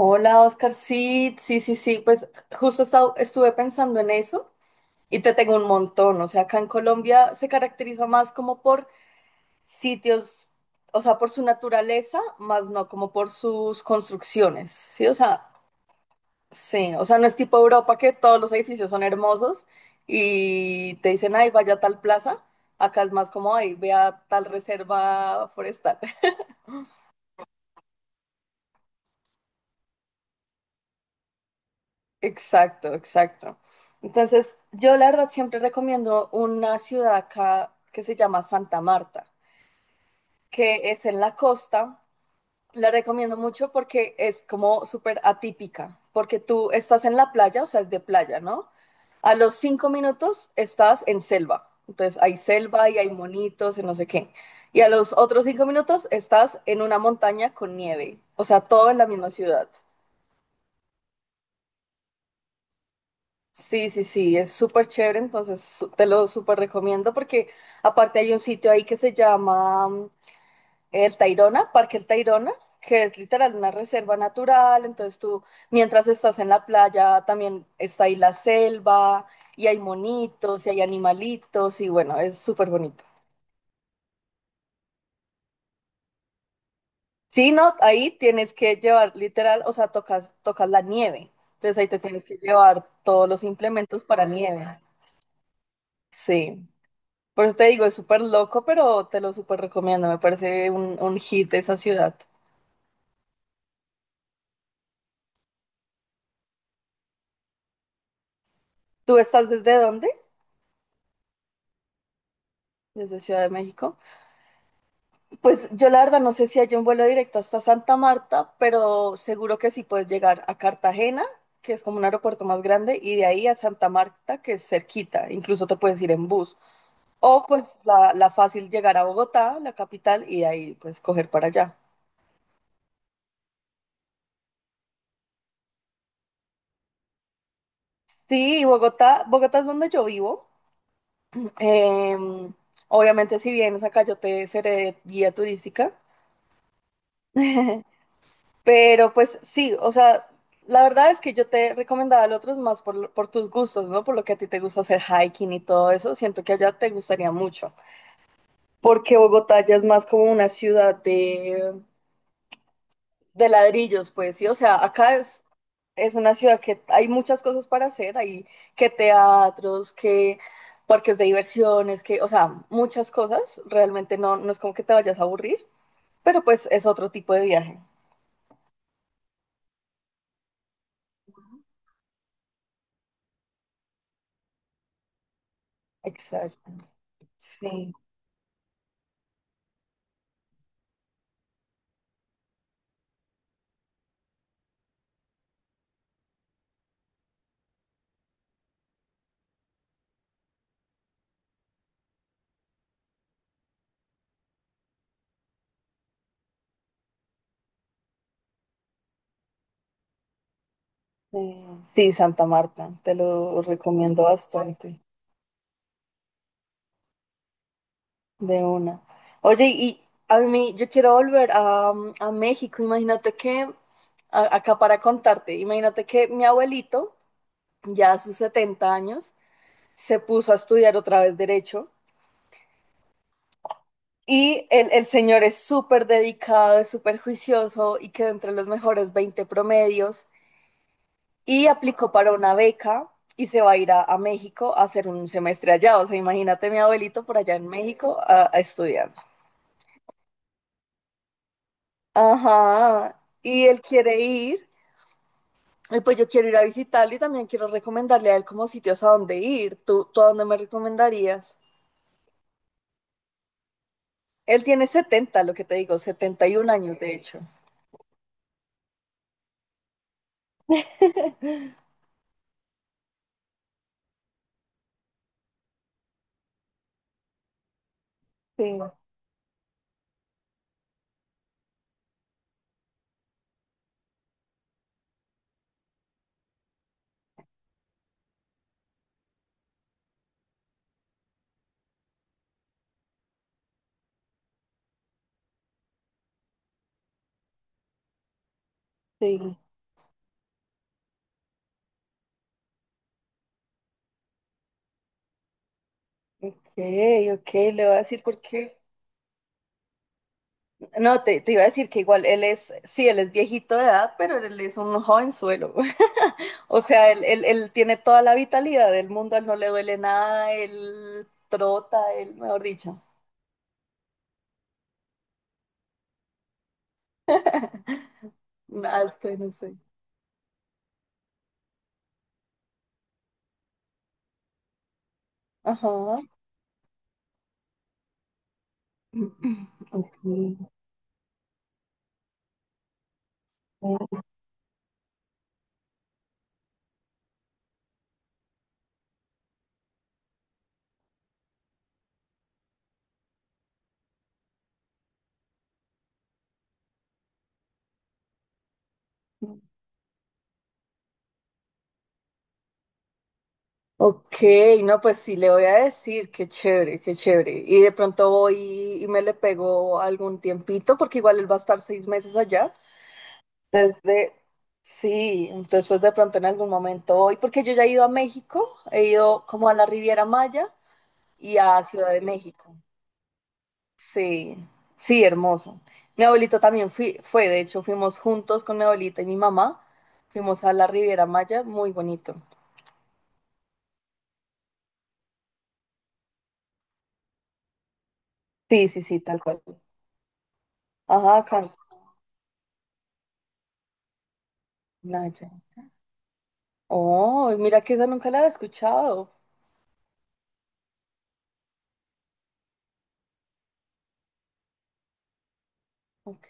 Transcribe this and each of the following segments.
Hola, Oscar. Sí, sí, sí, sí. Pues justo estuve pensando en eso y te tengo un montón. O sea, acá en Colombia se caracteriza más como por sitios, o sea, por su naturaleza, más no como por sus construcciones. Sí. O sea, no es tipo Europa que todos los edificios son hermosos y te dicen, ay, vaya a tal plaza. Acá es más como, ay, vea tal reserva forestal. Exacto, exacto. Entonces, yo la verdad siempre recomiendo una ciudad acá que se llama Santa Marta, que es en la costa. La recomiendo mucho porque es como súper atípica, porque tú estás en la playa, o sea, es de playa, ¿no? A los cinco minutos estás en selva. Entonces, hay selva y hay monitos y no sé qué. Y a los otros cinco minutos estás en una montaña con nieve, o sea, todo en la misma ciudad. Sí, sí, sí, es súper chévere, entonces te lo súper recomiendo porque aparte hay un sitio ahí que se llama El Tayrona, Parque El Tayrona, que es literal una reserva natural, entonces tú mientras estás en la playa también está ahí la selva y hay monitos y hay animalitos y bueno, es súper bonito. Sí, no, ahí tienes que llevar literal, o sea, tocas, tocas la nieve, entonces ahí te tienes que llevar todos los implementos para nieve. Sí. Por eso te digo, es súper loco, pero te lo súper recomiendo. Me parece un hit de esa ciudad. ¿Tú estás desde dónde? Desde Ciudad de México. Pues yo la verdad no sé si hay un vuelo directo hasta Santa Marta, pero seguro que sí puedes llegar a Cartagena, que es como un aeropuerto más grande, y de ahí a Santa Marta, que es cerquita. Incluso te puedes ir en bus. O pues la fácil llegar a Bogotá, la capital, y de ahí pues coger para allá. Sí, Bogotá, Bogotá es donde yo vivo. Em, obviamente, si vienes acá, yo te seré guía turística. Pero pues sí, o sea, la verdad es que yo te recomendaba al otros más por, por tus gustos, ¿no? Por lo que a ti te gusta hacer hiking y todo eso. Siento que allá te gustaría mucho. Porque Bogotá ya es más como una ciudad de ladrillos, pues sí. O sea, acá es. Es una ciudad que hay muchas cosas para hacer, hay que teatros, que parques de diversiones, que, o sea, muchas cosas. Realmente no, no es como que te vayas a aburrir, pero pues es otro tipo de viaje. Exacto. Sí, sí, Sí, Santa Marta, te lo recomiendo bastante, de una. Oye, y a mí, yo quiero volver a, a México, imagínate que, acá para contarte, imagínate que mi abuelito, ya a sus 70 años, se puso a estudiar otra vez derecho y el señor es súper dedicado, es súper juicioso y quedó entre los mejores 20 promedios y aplicó para una beca y se va a ir a México a hacer un semestre allá. O sea, imagínate mi abuelito por allá en México a estudiando. Ajá, y él quiere ir. Y pues yo quiero ir a visitarlo y también quiero recomendarle a él como sitios a dónde ir. ¿Tú a dónde me recomendarías? Él tiene 70 lo que te digo, 71 años de hecho. Sí, sí. Ok, ok, le voy a decir por qué. No, te iba a decir que igual él es, sí, él es viejito de edad, pero él es un jovenzuelo. O sea, él tiene toda la vitalidad del mundo, a él no le duele nada, él trota, él, mejor dicho. Ah, estoy, no sé. Ajá. Ok. Ok, no, pues sí, le voy a decir, qué chévere, qué chévere. Y de pronto voy y me le pego algún tiempito, porque igual él va a estar seis meses allá. Desde, sí, después de pronto en algún momento hoy, porque yo ya he ido a México, he ido como a la Riviera Maya y a Ciudad de México. Sí, sí, hermoso. Mi abuelito también fui, fue, de hecho, fuimos juntos con mi abuelita y mi mamá, fuimos a la Riviera Maya, muy bonito. Sí, sí, sí, tal cual. Ajá, Naya. Oh, mira que esa nunca la había escuchado. Ok,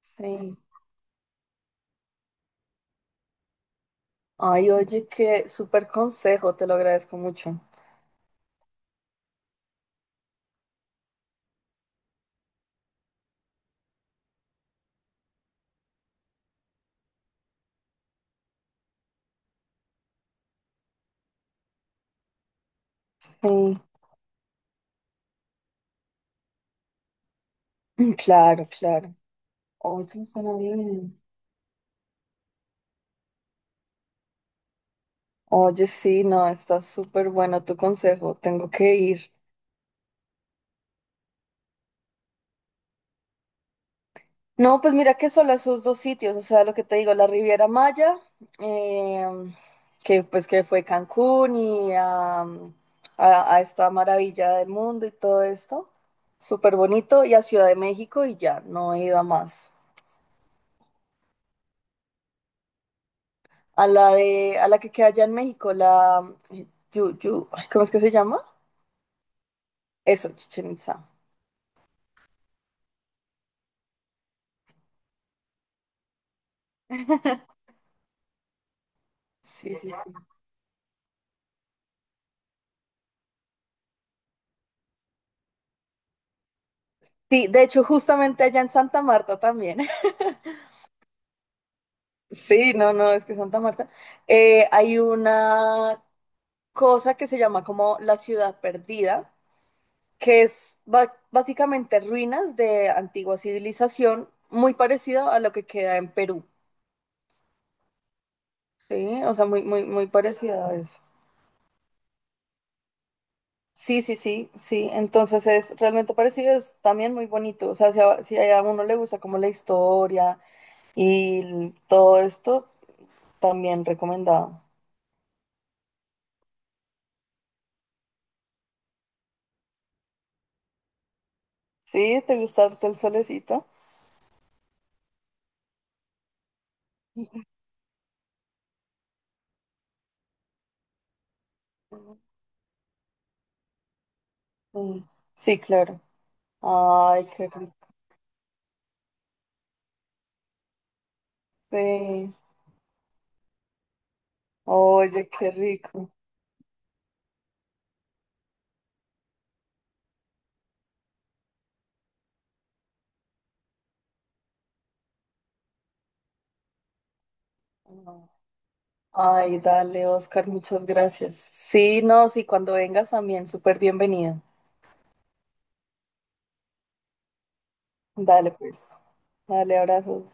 sí. Ay, oye, qué súper consejo, te lo agradezco mucho. Sí. Claro, claro. Oye, suena bien. Oye, sí, no, está súper bueno tu consejo. Tengo que ir. No, pues mira que solo esos dos sitios, o sea, lo que te digo, la Riviera Maya, eh, que pues que fue Cancún y a esta maravilla del mundo y todo esto. Súper bonito. Y a Ciudad de México y ya, no he ido a más. A la que queda allá en México, la eh, ay, ¿cómo es que se llama? Eso, Chichen Itza. Sí, sí, sí. Sí, de hecho, justamente allá en Santa Marta también. Sí, no, no, es que Santa Marta. Hay una cosa que se llama como la ciudad perdida, que es básicamente ruinas de antigua civilización, muy parecido a lo que queda en Perú. Sí, o sea, muy, muy, muy parecido a eso. Sí, sí, sí, sí. Entonces es realmente parecido, es también muy bonito. O sea, si a uno le gusta como la historia y todo esto, también recomendado. Sí, ¿te gusta harto el solecito? Mm, sí, claro. Ay, qué rico. Sí. Oye, qué rico. Ay, dale, Oscar, muchas gracias. Sí, no, sí, cuando vengas también, súper bienvenido. Dale, pues. Dale, abrazos.